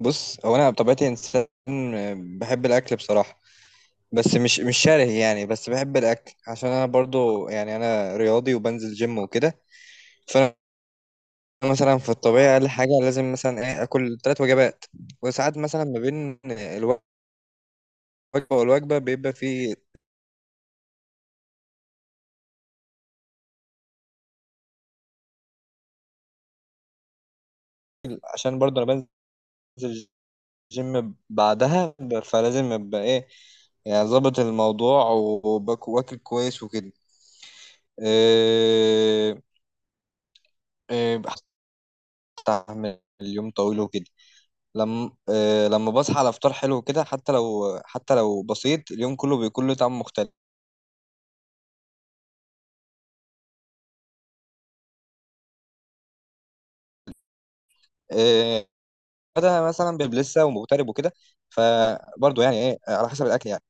بص هو انا بطبيعتي انسان بحب الاكل بصراحه. بس مش شره، يعني بس بحب الاكل عشان انا برضو يعني انا رياضي وبنزل جيم وكده. فانا مثلا في الطبيعه اقل حاجه لازم مثلا ايه اكل ثلاث وجبات. وساعات مثلا ما بين الوجبه والوجبه بيبقى في، عشان برضو انا بنزل جيم بعدها فلازم ابقى ايه، يعني ظابط الموضوع واكل كويس وكده. إيه، إيه، بستحمل اليوم طويل وكده. لما بصحى على فطار حلو كده، حتى لو بسيط، اليوم كله بيكون له طعم مختلف. آه، ده مثلا بيبقى لسه ومغترب وكده، فبرضه يعني ايه على حسب الاكل يعني.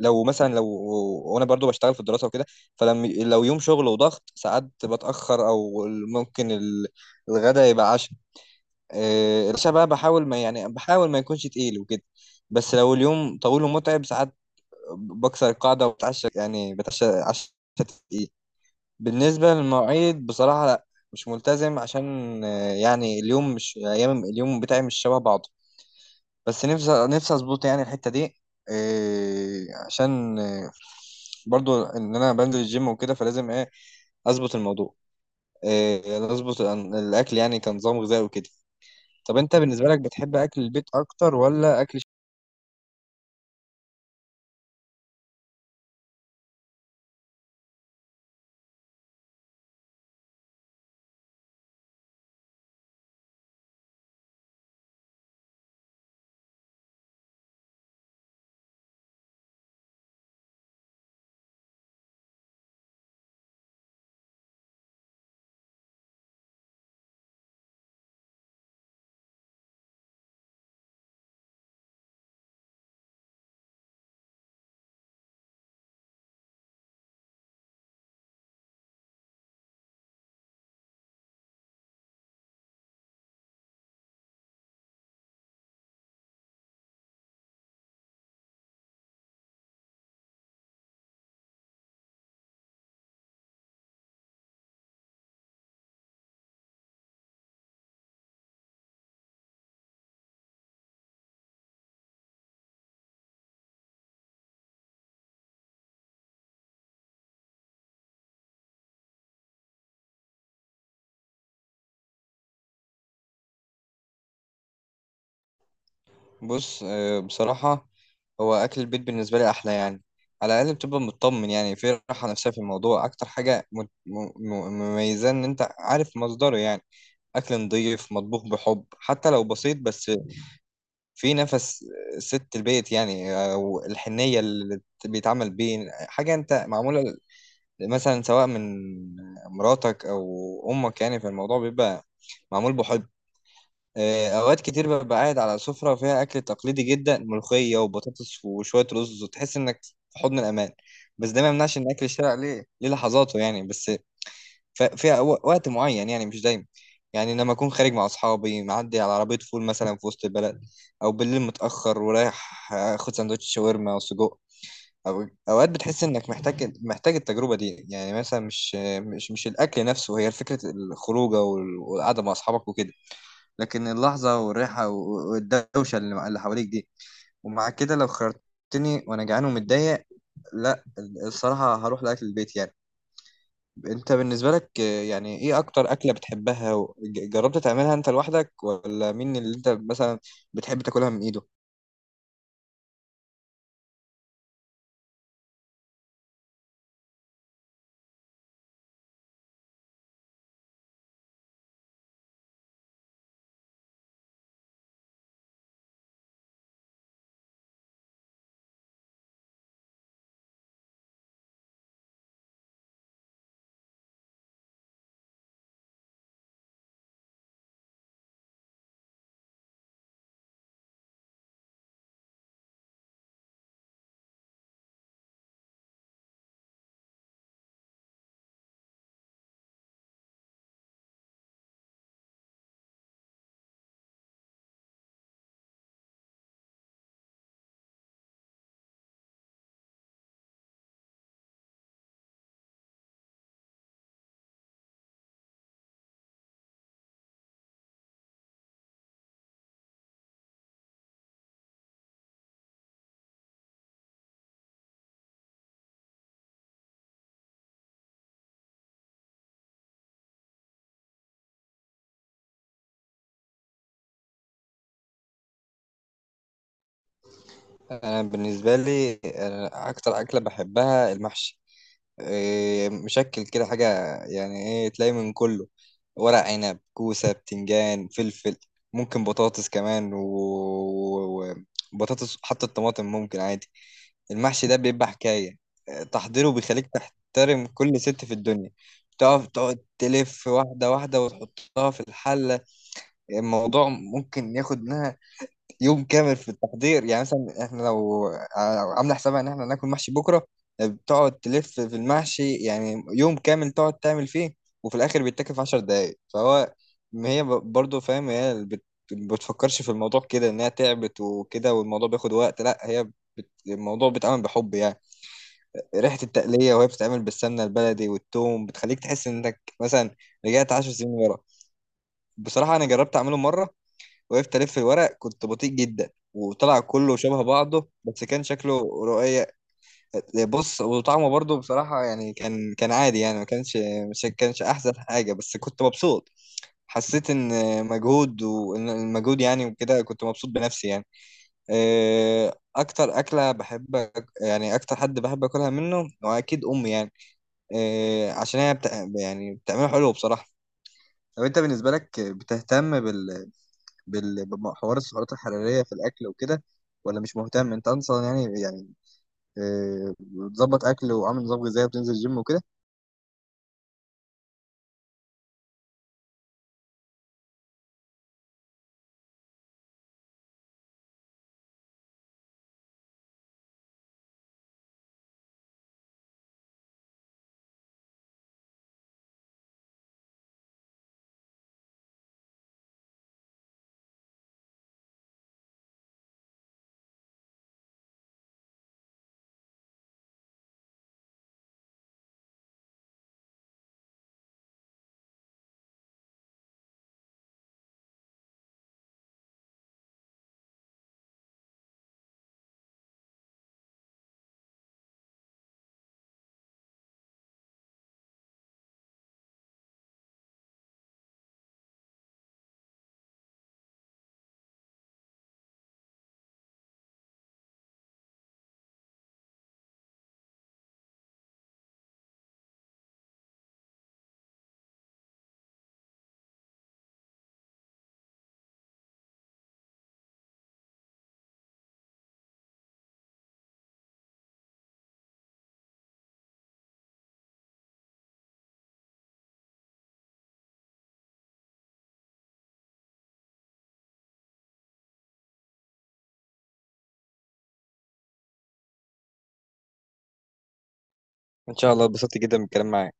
لو مثلا لو وانا برضه بشتغل في الدراسه وكده، فلما لو يوم شغل وضغط ساعات بتاخر، او ممكن الغدا يبقى عشاء. آه، العشاء بقى بحاول ما يعني بحاول ما يكونش تقيل وكده. بس لو اليوم طويل ومتعب ساعات، بكسر القاعده وبتعشى، يعني بتعشى عشاء تقيل. بالنسبة للمواعيد بصراحة لا، مش ملتزم، عشان يعني اليوم، مش أيام، اليوم بتاعي مش شبه بعضه. بس نفسي أظبط يعني الحتة دي. عشان برضو إن أنا بنزل الجيم وكده، فلازم إيه، أظبط الموضوع. آه، أظبط الأكل، يعني كنظام غذائي وكده. طب أنت بالنسبة لك بتحب أكل البيت أكتر ولا أكل. بص، بصراحة، هو أكل البيت بالنسبة لي أحلى يعني. على الأقل بتبقى مطمن، يعني في راحة نفسية في الموضوع. أكتر حاجة مميزة إن أنت عارف مصدره يعني. أكل نضيف مطبوخ بحب، حتى لو بسيط، بس في نفس ست البيت يعني، أو الحنية اللي بيتعمل بيه. حاجة أنت معمولة مثلا سواء من مراتك أو أمك، يعني فالموضوع بيبقى معمول بحب. اوقات كتير ببقى قاعد على سفرة فيها اكل تقليدي جدا، ملوخية وبطاطس وشوية رز، وتحس انك في حضن الامان. بس ده ما يمنعش ان اكل الشارع ليه لحظاته يعني، بس فيها وقت معين يعني، مش دايما. يعني لما اكون خارج مع اصحابي، معدي على عربية فول مثلا في وسط البلد، او بالليل متأخر ورايح اخد سندوتش شاورما وسجق. أو أوقات بتحس إنك محتاج التجربة دي، يعني مثلا مش الأكل نفسه، هي فكرة الخروجة والقعدة مع أصحابك وكده. لكن اللحظة والريحة والدوشة اللي حواليك دي. ومع كده لو خيرتني وأنا جعان ومتضايق، لا، الصراحة هروح لأكل البيت يعني. أنت بالنسبة لك، يعني إيه أكتر أكلة بتحبها جربت تعملها أنت لوحدك، ولا مين اللي أنت مثلا بتحب تاكلها من إيده؟ أنا بالنسبة لي، أنا أكتر أكلة بحبها المحشي. إيه، مشكل كده حاجة يعني، إيه، تلاقي من كله، ورق عنب كوسة بتنجان فلفل، ممكن بطاطس كمان، وبطاطس حتى الطماطم ممكن عادي. المحشي ده بيبقى حكاية. إيه، تحضيره بيخليك تحترم كل ست في الدنيا. تقف تقعد تلف واحدة واحدة وتحطها في الحلة. الموضوع ممكن ياخد منها يوم كامل في التحضير، يعني مثلا احنا لو عامله حسابها ان احنا ناكل محشي بكره، بتقعد تلف في المحشي، يعني يوم كامل تقعد تعمل فيه. وفي الاخر بيتاكل في 10 دقايق، فهو، ما هي برضه فاهم. هي بتفكرش في الموضوع كده، انها تعبت وكده، والموضوع بياخد وقت، لا، هي الموضوع بيتعمل بحب يعني. ريحه التقليه وهي بتتعمل بالسمنه البلدي والثوم، بتخليك تحس انك مثلا رجعت 10 سنين ورا. بصراحه انا جربت اعمله مره، وقفت الف الورق، كنت بطيء جدا، وطلع كله شبه بعضه، بس كان شكله رؤية. بص، وطعمه برضه بصراحة يعني كان كان عادي يعني، ما كانش مش كانش أحسن حاجة، بس كنت مبسوط. حسيت إن مجهود، وإن المجهود يعني وكده، كنت مبسوط بنفسي يعني. أكتر أكلة بحب يعني أكتر حد بحب أكلها منه، وأكيد أمي يعني. عشان هي يعني بتعمله حلو بصراحة. طب أنت بالنسبة لك بتهتم بحوار السعرات الحرارية في الأكل وكده، ولا مش مهتم أنت أصلا يعني؟ بتظبط أكل وعامل نظام غذائي وبتنزل جيم وكده. ان شاء الله، اتبسطت جدا بالكلام معاك.